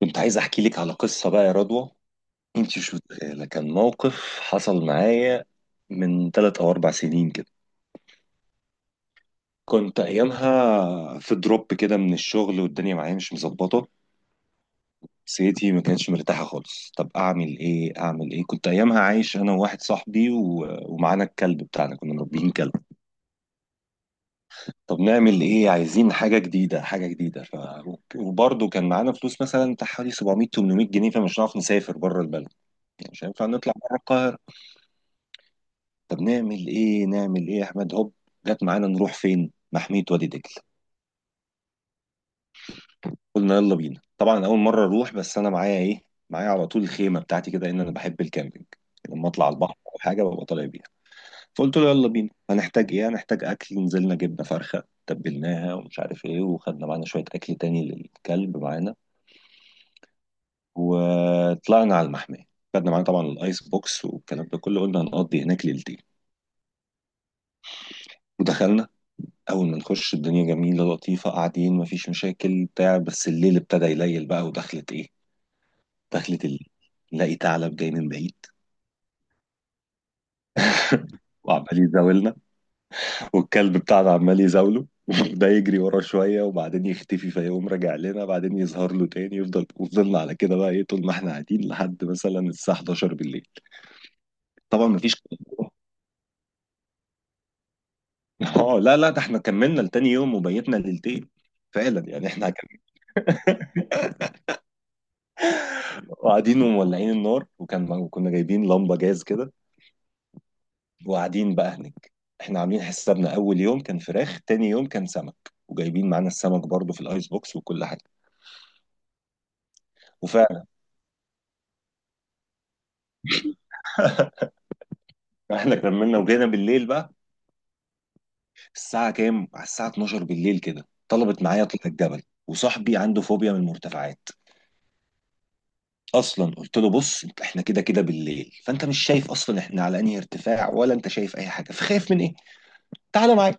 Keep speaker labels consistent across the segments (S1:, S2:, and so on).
S1: كنت عايز احكي لك على قصه بقى يا رضوى. انت مش متخيله، كان موقف حصل معايا من 3 او 4 سنين كده. كنت ايامها في دروب كده من الشغل والدنيا معايا مش مظبطه، نفسيتي ما كانتش مرتاحه خالص. طب اعمل ايه اعمل ايه؟ كنت ايامها عايش انا وواحد صاحبي ومعانا الكلب بتاعنا، كنا مربيين كلب. طب نعمل ايه؟ عايزين حاجه جديده حاجه جديده وبرضه كان معانا فلوس مثلا بتاع حوالي 700 800 جنيه، فمش هنعرف نسافر بره البلد، يعني مش هينفع نطلع بره. طب نعمل ايه نعمل ايه يا احمد؟ هوب، جت معانا نروح فين؟ محمية وادي دجلة. قلنا يلا بينا، طبعا اول مرة اروح بس انا معايا ايه؟ معايا على طول الخيمة بتاعتي كده، ان انا بحب الكامبينج، لما اطلع على البحر او حاجة ببقى طالع بيها. فقلت له يلا بينا، هنحتاج ايه؟ هنحتاج اكل. نزلنا جبنا فرخة تبلناها ومش عارف ايه، وخدنا معانا شوية اكل تاني للكلب معانا. وطلعنا على المحمية، خدنا معانا طبعا الايس بوكس والكلام ده كله، قلنا هنقضي هناك ليلتين. ودخلنا، اول ما نخش الدنيا جميله لطيفه، قاعدين مفيش مشاكل بتاع. بس الليل ابتدى يليل بقى، ودخلت ايه، دخلت الليل، نلاقي ثعلب جاي من بعيد وعمال يزاولنا. والكلب بتاعنا عمال يزاوله. ده يجري ورا شويه وبعدين يختفي، فيقوم راجع لنا بعدين يظهر له تاني، يفضل وفضلنا على كده بقى ايه، طول ما احنا قاعدين لحد مثلا الساعه 11 بالليل. طبعا مفيش اه لا لا، ده احنا كملنا لتاني يوم وبيتنا ليلتين، فعلا يعني احنا كملنا. وقاعدين ومولعين النار، وكنا جايبين لمبه جاز كده، وقاعدين بقى هناك. احنا عاملين حسابنا اول يوم كان فراخ، تاني يوم كان سمك، وجايبين معانا السمك برضو في الايس بوكس وكل حاجه. وفعلا احنا كملنا وجينا بالليل بقى الساعه كام، على الساعه 12 بالليل كده، طلبت معايا اطلع الجبل. وصاحبي عنده فوبيا من المرتفعات. اصلا قلت له بص احنا كده كده بالليل، فانت مش شايف اصلا احنا على انهي ارتفاع، ولا انت شايف اي حاجه، فخايف من ايه؟ تعالى معايا.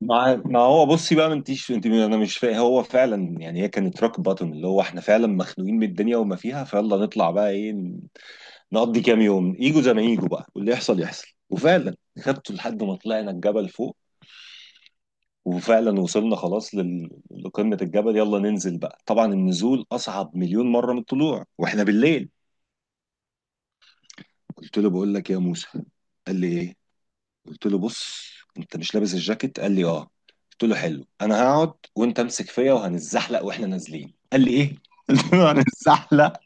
S1: ما هو بصي بقى، ما انتيش انت، انا مش فاهم، هو فعلا يعني هي كانت روك باتون، اللي هو احنا فعلا مخنوقين من الدنيا وما فيها، فيلا نطلع بقى ايه، نقضي كام يوم، ايجو زي ما ايجو بقى، واللي يحصل يحصل. وفعلا خدته لحد ما طلعنا الجبل فوق. وفعلا وصلنا خلاص لقمة الجبل، يلا ننزل بقى. طبعا النزول اصعب مليون مرة من الطلوع واحنا بالليل. قلت له بقول لك يا موسى، قال لي ايه، قلت له بص انت مش لابس الجاكيت، قال لي اه، قلت له حلو، انا هقعد وانت امسك فيا وهنتزحلق واحنا نازلين، قال لي ايه قلت له هنتزحلق.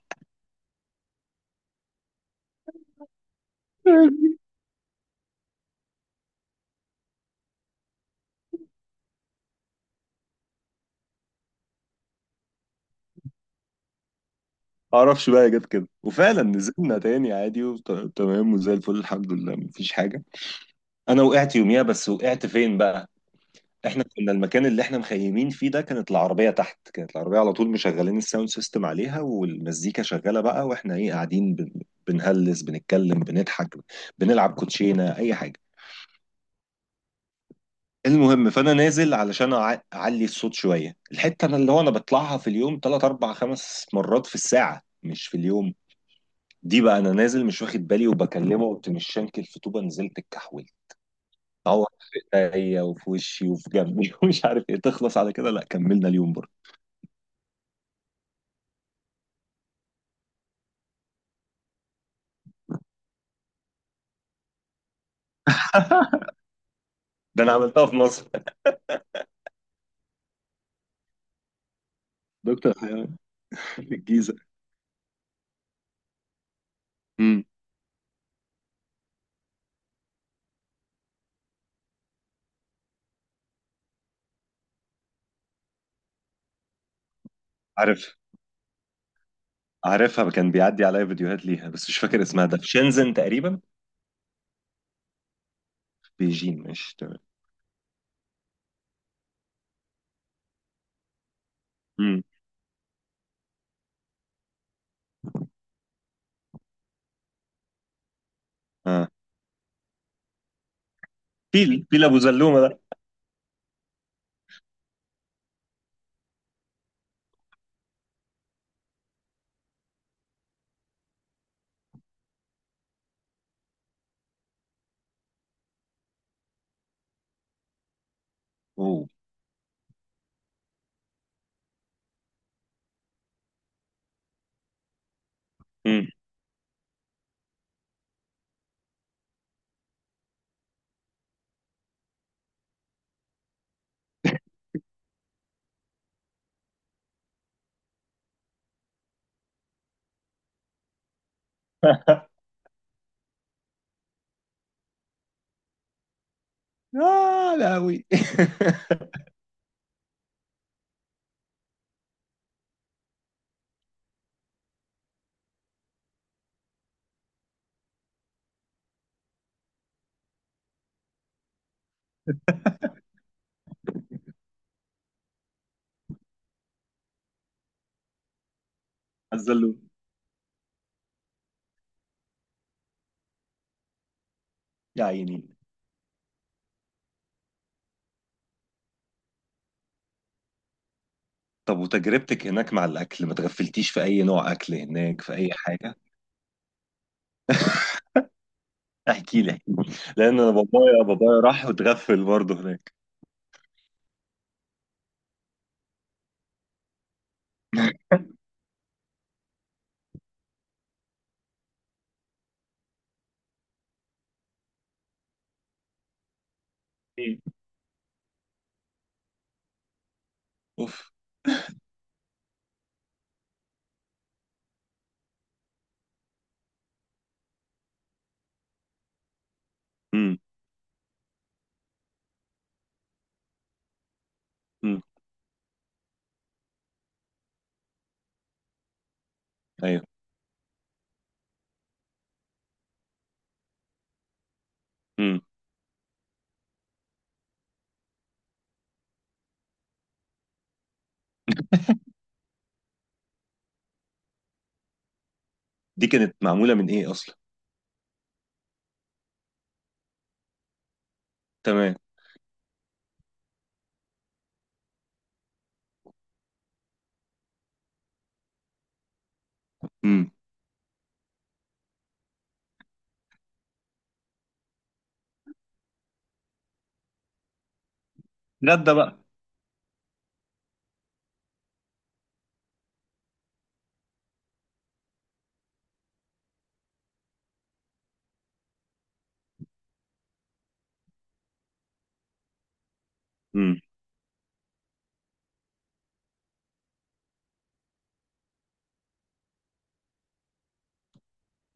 S1: ما اعرفش بقى، جت كده وفعلا نزلنا تاني عادي وتمام وزي الفل الحمد لله، مفيش حاجه. انا وقعت يوميها، بس وقعت فين بقى؟ احنا كنا المكان اللي احنا مخيمين فيه ده كانت العربيه تحت، كانت العربيه على طول مشغلين الساوند سيستم عليها والمزيكا شغاله بقى، واحنا ايه قاعدين بنهلس بنتكلم بنضحك بنلعب كوتشينه اي حاجه. المهم فانا نازل علشان اعلي الصوت شويه، الحته انا اللي هو انا بطلعها في اليوم 3 4 5 مرات في الساعه مش في اليوم. دي بقى انا نازل مش واخد بالي، وبكلمه قمت مش شانكل في طوبه، نزلت اتكحولت. تعور في ايديا وفي وشي وفي جنبي ومش عارف ايه. تخلص على كده؟ لا، كملنا اليوم برضه. ده انا عملتها في مصر. دكتور حيوان في الجيزه. امم. عارف عارفها، كان بيعدي عليا فيديوهات ليها بس مش فاكر اسمها، ده في شنزن تقريبا. بيجين مش تمام؟ امم. اه. فيل فيل ابو زلومه. اوه. امم. آه لا أوي. الزلوم. يا عيني. طب وتجربتك هناك مع الأكل، ما تغفلتيش في أي نوع أكل هناك في أي حاجة؟ احكي لي احكي لي. لأن أنا بابايا راح واتغفل برضه هناك. إيه. أوف. امم. امم. أيوه. امم. دي كانت معمولة من إيه أصلا؟ تمام. امم. غدا بقى. امم.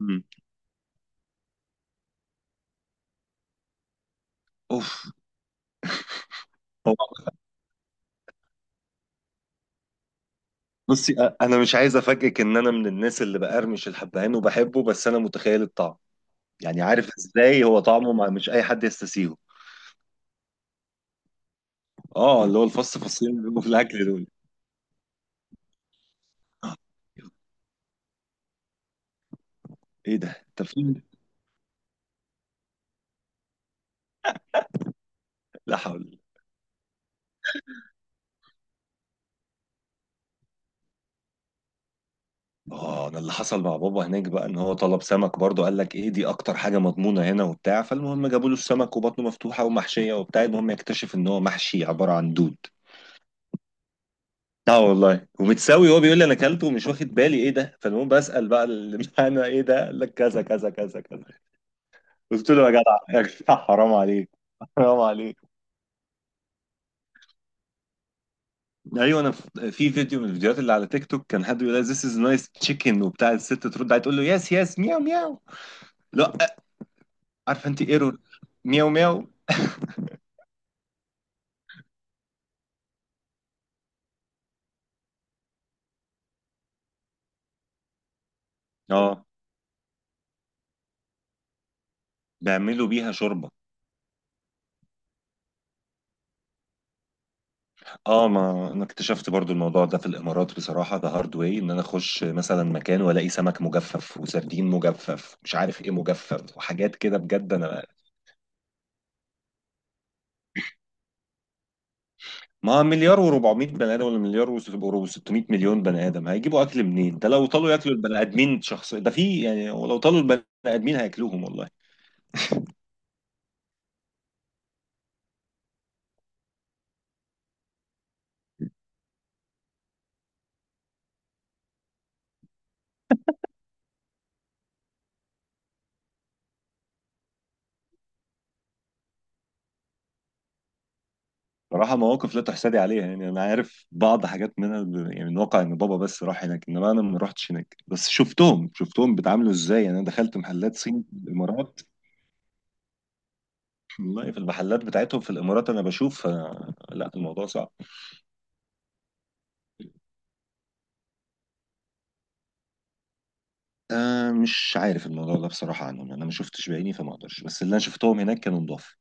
S1: امم. أوف. هو. بصي، أنا مش عايز أفاجئك إن أنا من الناس اللي بقرمش الحبهان وبحبه، بس أنا متخيل الطعم، يعني عارف ازاي هو طعمه، ما مش اي حد يستسيغه. اه، اللي هو الفص فصين اللي بيبقوا في الاكل دول. ايه ده؟ انت فين؟ لا حول. اه، انا اللي حصل مع بابا هناك بقى ان هو طلب سمك برضه، قال لك ايه دي اكتر حاجه مضمونه هنا وبتاع، فالمهم جابوا له السمك وبطنه مفتوحه ومحشيه وبتاع، المهم يكتشف ان هو محشي عباره عن دود. اه والله، ومتساوي هو بيقول لي انا اكلته ومش واخد بالي ايه ده، فالمهم بسال بقى اللي معانا ايه ده، قال لك كذا كذا كذا كذا. قلت له يا جدع يا جدع حرام عليك، حرام عليك. ايوه، انا في فيديو من الفيديوهات اللي على تيك توك، كان حد بيقول لها this is nice chicken وبتاع، الست ترد عليه تقول له يس يس مياو مياو. لا، عارفه انت ايرور. مياو مياو. اه، بيعملوا بيها شوربه. اه، ما انا اكتشفت برضو الموضوع ده في الامارات بصراحه، ده هارد واي ان انا اخش مثلا مكان والاقي سمك مجفف وسردين مجفف مش عارف ايه مجفف وحاجات كده، بجد انا. ما مليار و400 بني ادم ولا مليار و600 مليون بني ادم هيجيبوا اكل منين؟ ده لو طالوا ياكلوا البني ادمين شخص ده في يعني، ولو طالوا البني ادمين هياكلوهم والله. صراحة مواقف لا تحسدي عليها يعني، أنا عارف بعض حاجات منها يعني من واقع إن بابا بس راح هناك، إنما أنا ما رحتش هناك، بس شفتهم بيتعاملوا إزاي. يعني أنا دخلت محلات صين في الإمارات. والله في المحلات بتاعتهم في الإمارات أنا بشوف، آه لا الموضوع صعب. آه مش عارف الموضوع ده بصراحة عنهم، يعني أنا ما شفتش بعيني فما أقدرش، بس اللي أنا شفتهم هناك كانوا نضاف